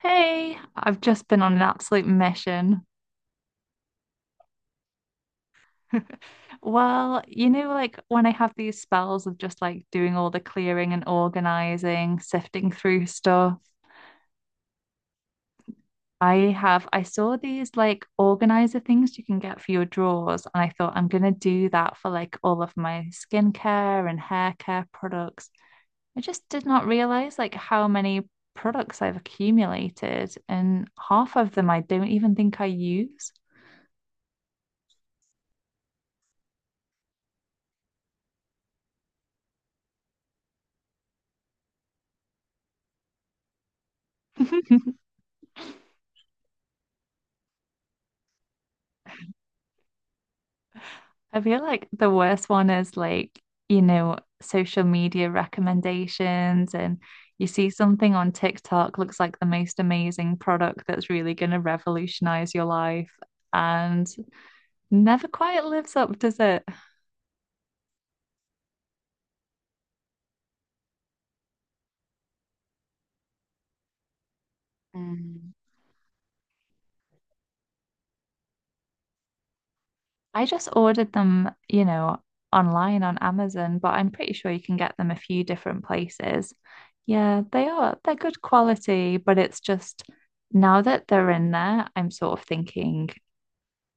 Hey, I've just been on an absolute mission. Well, you know, like when I have these spells of just like doing all the clearing and organizing, sifting through stuff, I saw these like organizer things you can get for your drawers, and I thought I'm gonna do that for like all of my skincare and hair care products. I just did not realize like how many products I've accumulated, and half of them I don't even think I use. I feel like the worst one is like, you know, social media recommendations and you see something on TikTok looks like the most amazing product that's really going to revolutionize your life and never quite lives up, does it? Mm. I just ordered them, you know, online on Amazon, but I'm pretty sure you can get them a few different places. Yeah, they are. They're good quality, but it's just now that they're in there, I'm sort of thinking,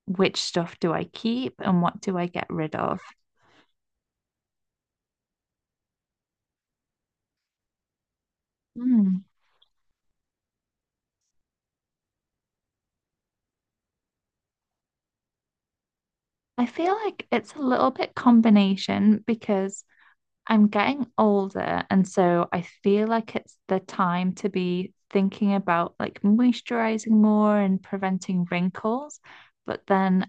which stuff do I keep and what do I get rid of? Hmm. I feel like it's a little bit combination because I'm getting older, and so I feel like it's the time to be thinking about like moisturizing more and preventing wrinkles. But then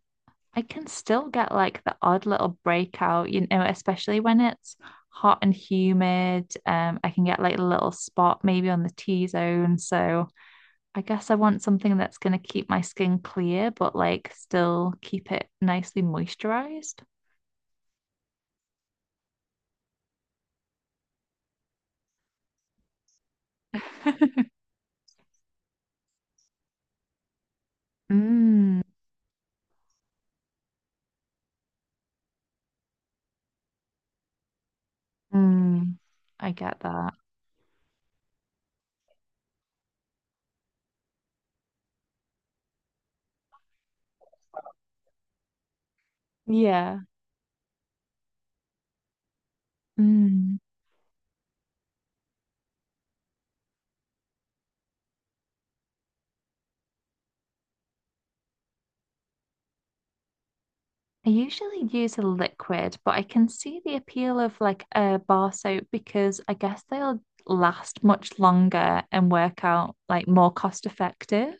I can still get like the odd little breakout, you know, especially when it's hot and humid. I can get like a little spot maybe on the T-zone. So I guess I want something that's going to keep my skin clear, but like still keep it nicely moisturized. Mm, mm, I get that. Yeah. Mm. I usually use a liquid, but I can see the appeal of like a bar soap because I guess they'll last much longer and work out like more cost effective.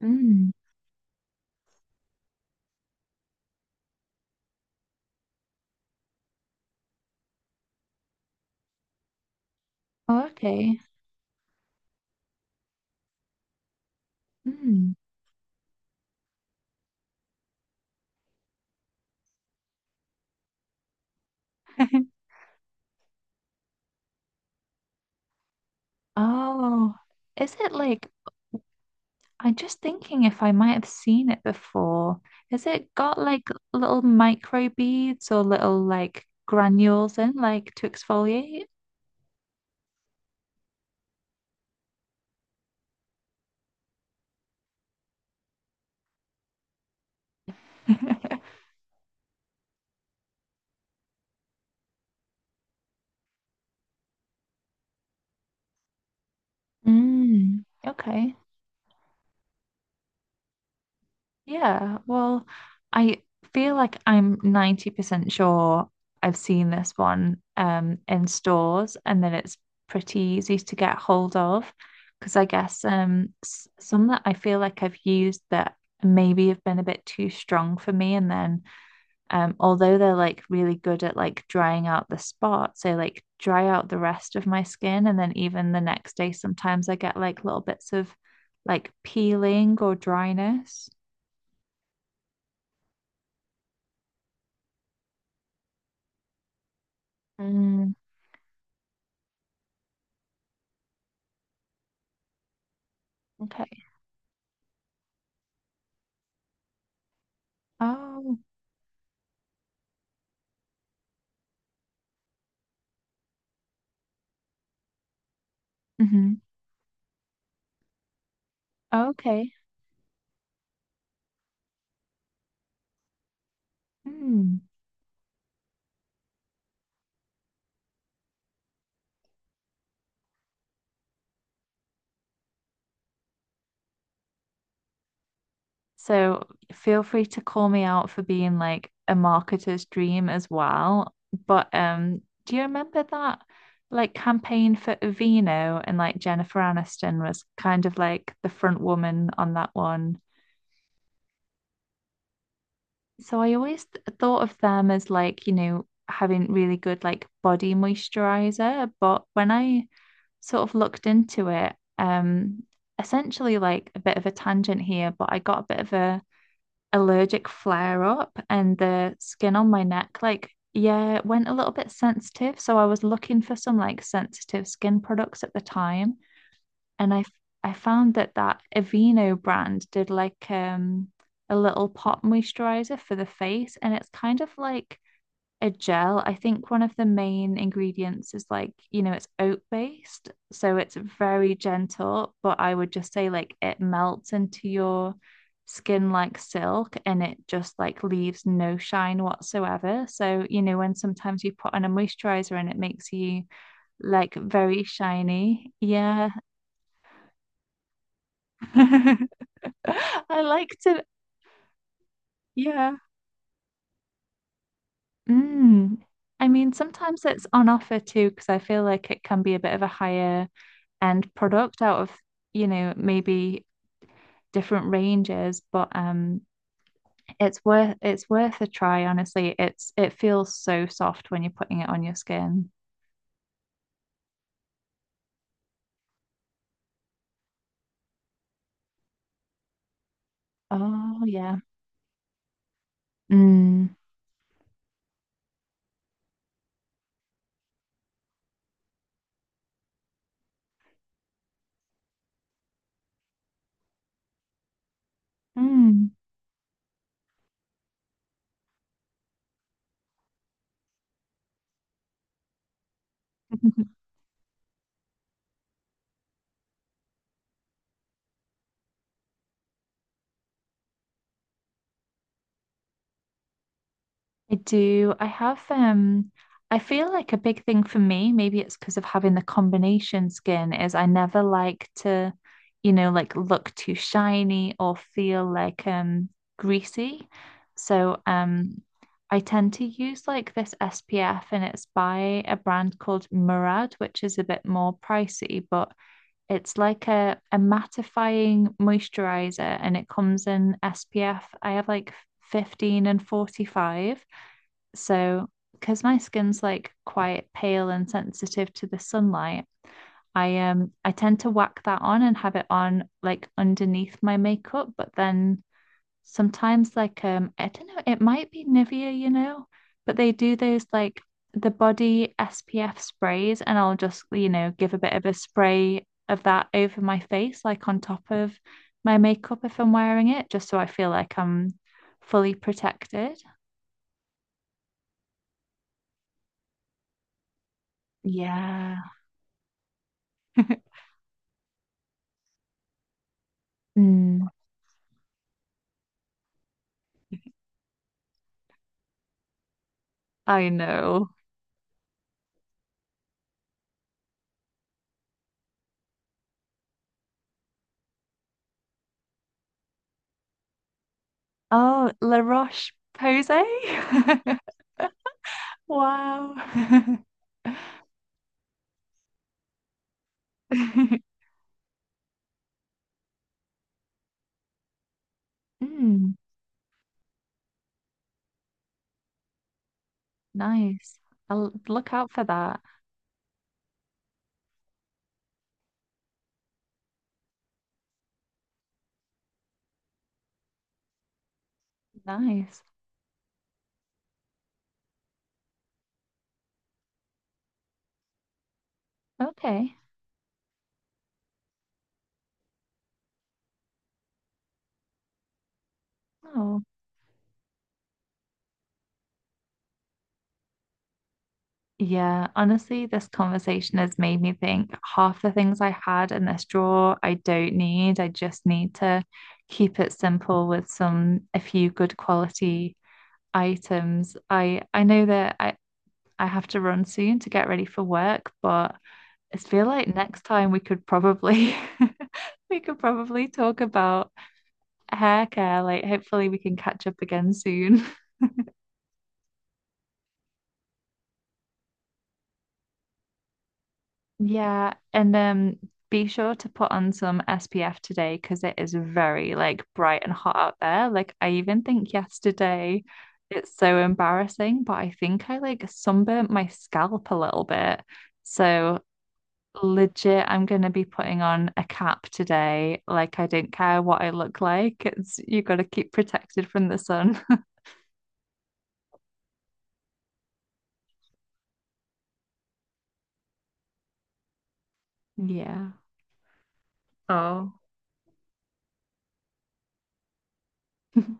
Mm. Oh, okay. Mm. Oh, is it like I'm just thinking if I might have seen it before. Has it got like little micro beads or little like granules in, like to exfoliate? Mm, okay. Yeah. Well, I feel like I'm 90% sure I've seen this one in stores and then it's pretty easy to get hold of because I guess some that I feel like I've used that maybe have been a bit too strong for me and then although they're like really good at like drying out the spots, they like dry out the rest of my skin. And then even the next day, sometimes I get like little bits of like peeling or dryness. Mm, okay. Oh, hmm. Okay. Mm. So feel free to call me out for being like a marketer's dream as well. But do you remember that like campaign for Aveeno and like Jennifer Aniston was kind of like the front woman on that one? So I always thought of them as like, you know, having really good like body moisturizer. But when I sort of looked into it, essentially like a bit of a tangent here, but I got a bit of a allergic flare up and the skin on my neck, like, yeah, it went a little bit sensitive. So I was looking for some like sensitive skin products at the time. And I found that that Aveeno brand did like a little pot moisturizer for the face. And it's kind of like a gel. I think one of the main ingredients is like, you know, it's oat based, so it's very gentle, but I would just say like it melts into your skin like silk and it just like leaves no shine whatsoever. So, you know, when sometimes you put on a moisturizer and it makes you like very shiny. Yeah. I like to, yeah. Mm. I mean, sometimes it's on offer too, because I feel like it can be a bit of a higher and product out of, you know, maybe different ranges, but it's worth a try, honestly. It's it feels so soft when you're putting it on your skin. Oh yeah. Mm. Mm. I do. I have I feel like a big thing for me, maybe it's because of having the combination skin, is I never like to, you know, like look too shiny or feel like greasy. So I tend to use like this SPF and it's by a brand called Murad, which is a bit more pricey, but it's like a mattifying moisturizer and it comes in SPF. I have like 15 and 45. So, because my skin's like quite pale and sensitive to the sunlight, I tend to whack that on and have it on like underneath my makeup, but then sometimes like I don't know, it might be Nivea, you know, but they do those like the body SPF sprays and I'll just, you know, give a bit of a spray of that over my face, like on top of my makeup if I'm wearing it, just so I feel like I'm fully protected. Yeah. Mm. I know. Oh, La Roche-Posay? Wow. Mm, nice. I'll look out for that. Nice. Okay. Oh, yeah. Honestly, this conversation has made me think half the things I had in this drawer I don't need. I just need to keep it simple with some a few good quality items. I know that I have to run soon to get ready for work, but I feel like next time we could probably we could probably talk about hair care. Like hopefully we can catch up again soon. Yeah, and be sure to put on some SPF today because it is very like bright and hot out there. Like I even think yesterday it's so embarrassing, but I think I like sunburnt my scalp a little bit. So legit, I'm gonna be putting on a cap today. Like, I don't care what I look like. It's you gotta keep protected from the sun. Yeah. Oh.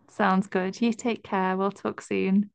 Sounds good. You take care. We'll talk soon.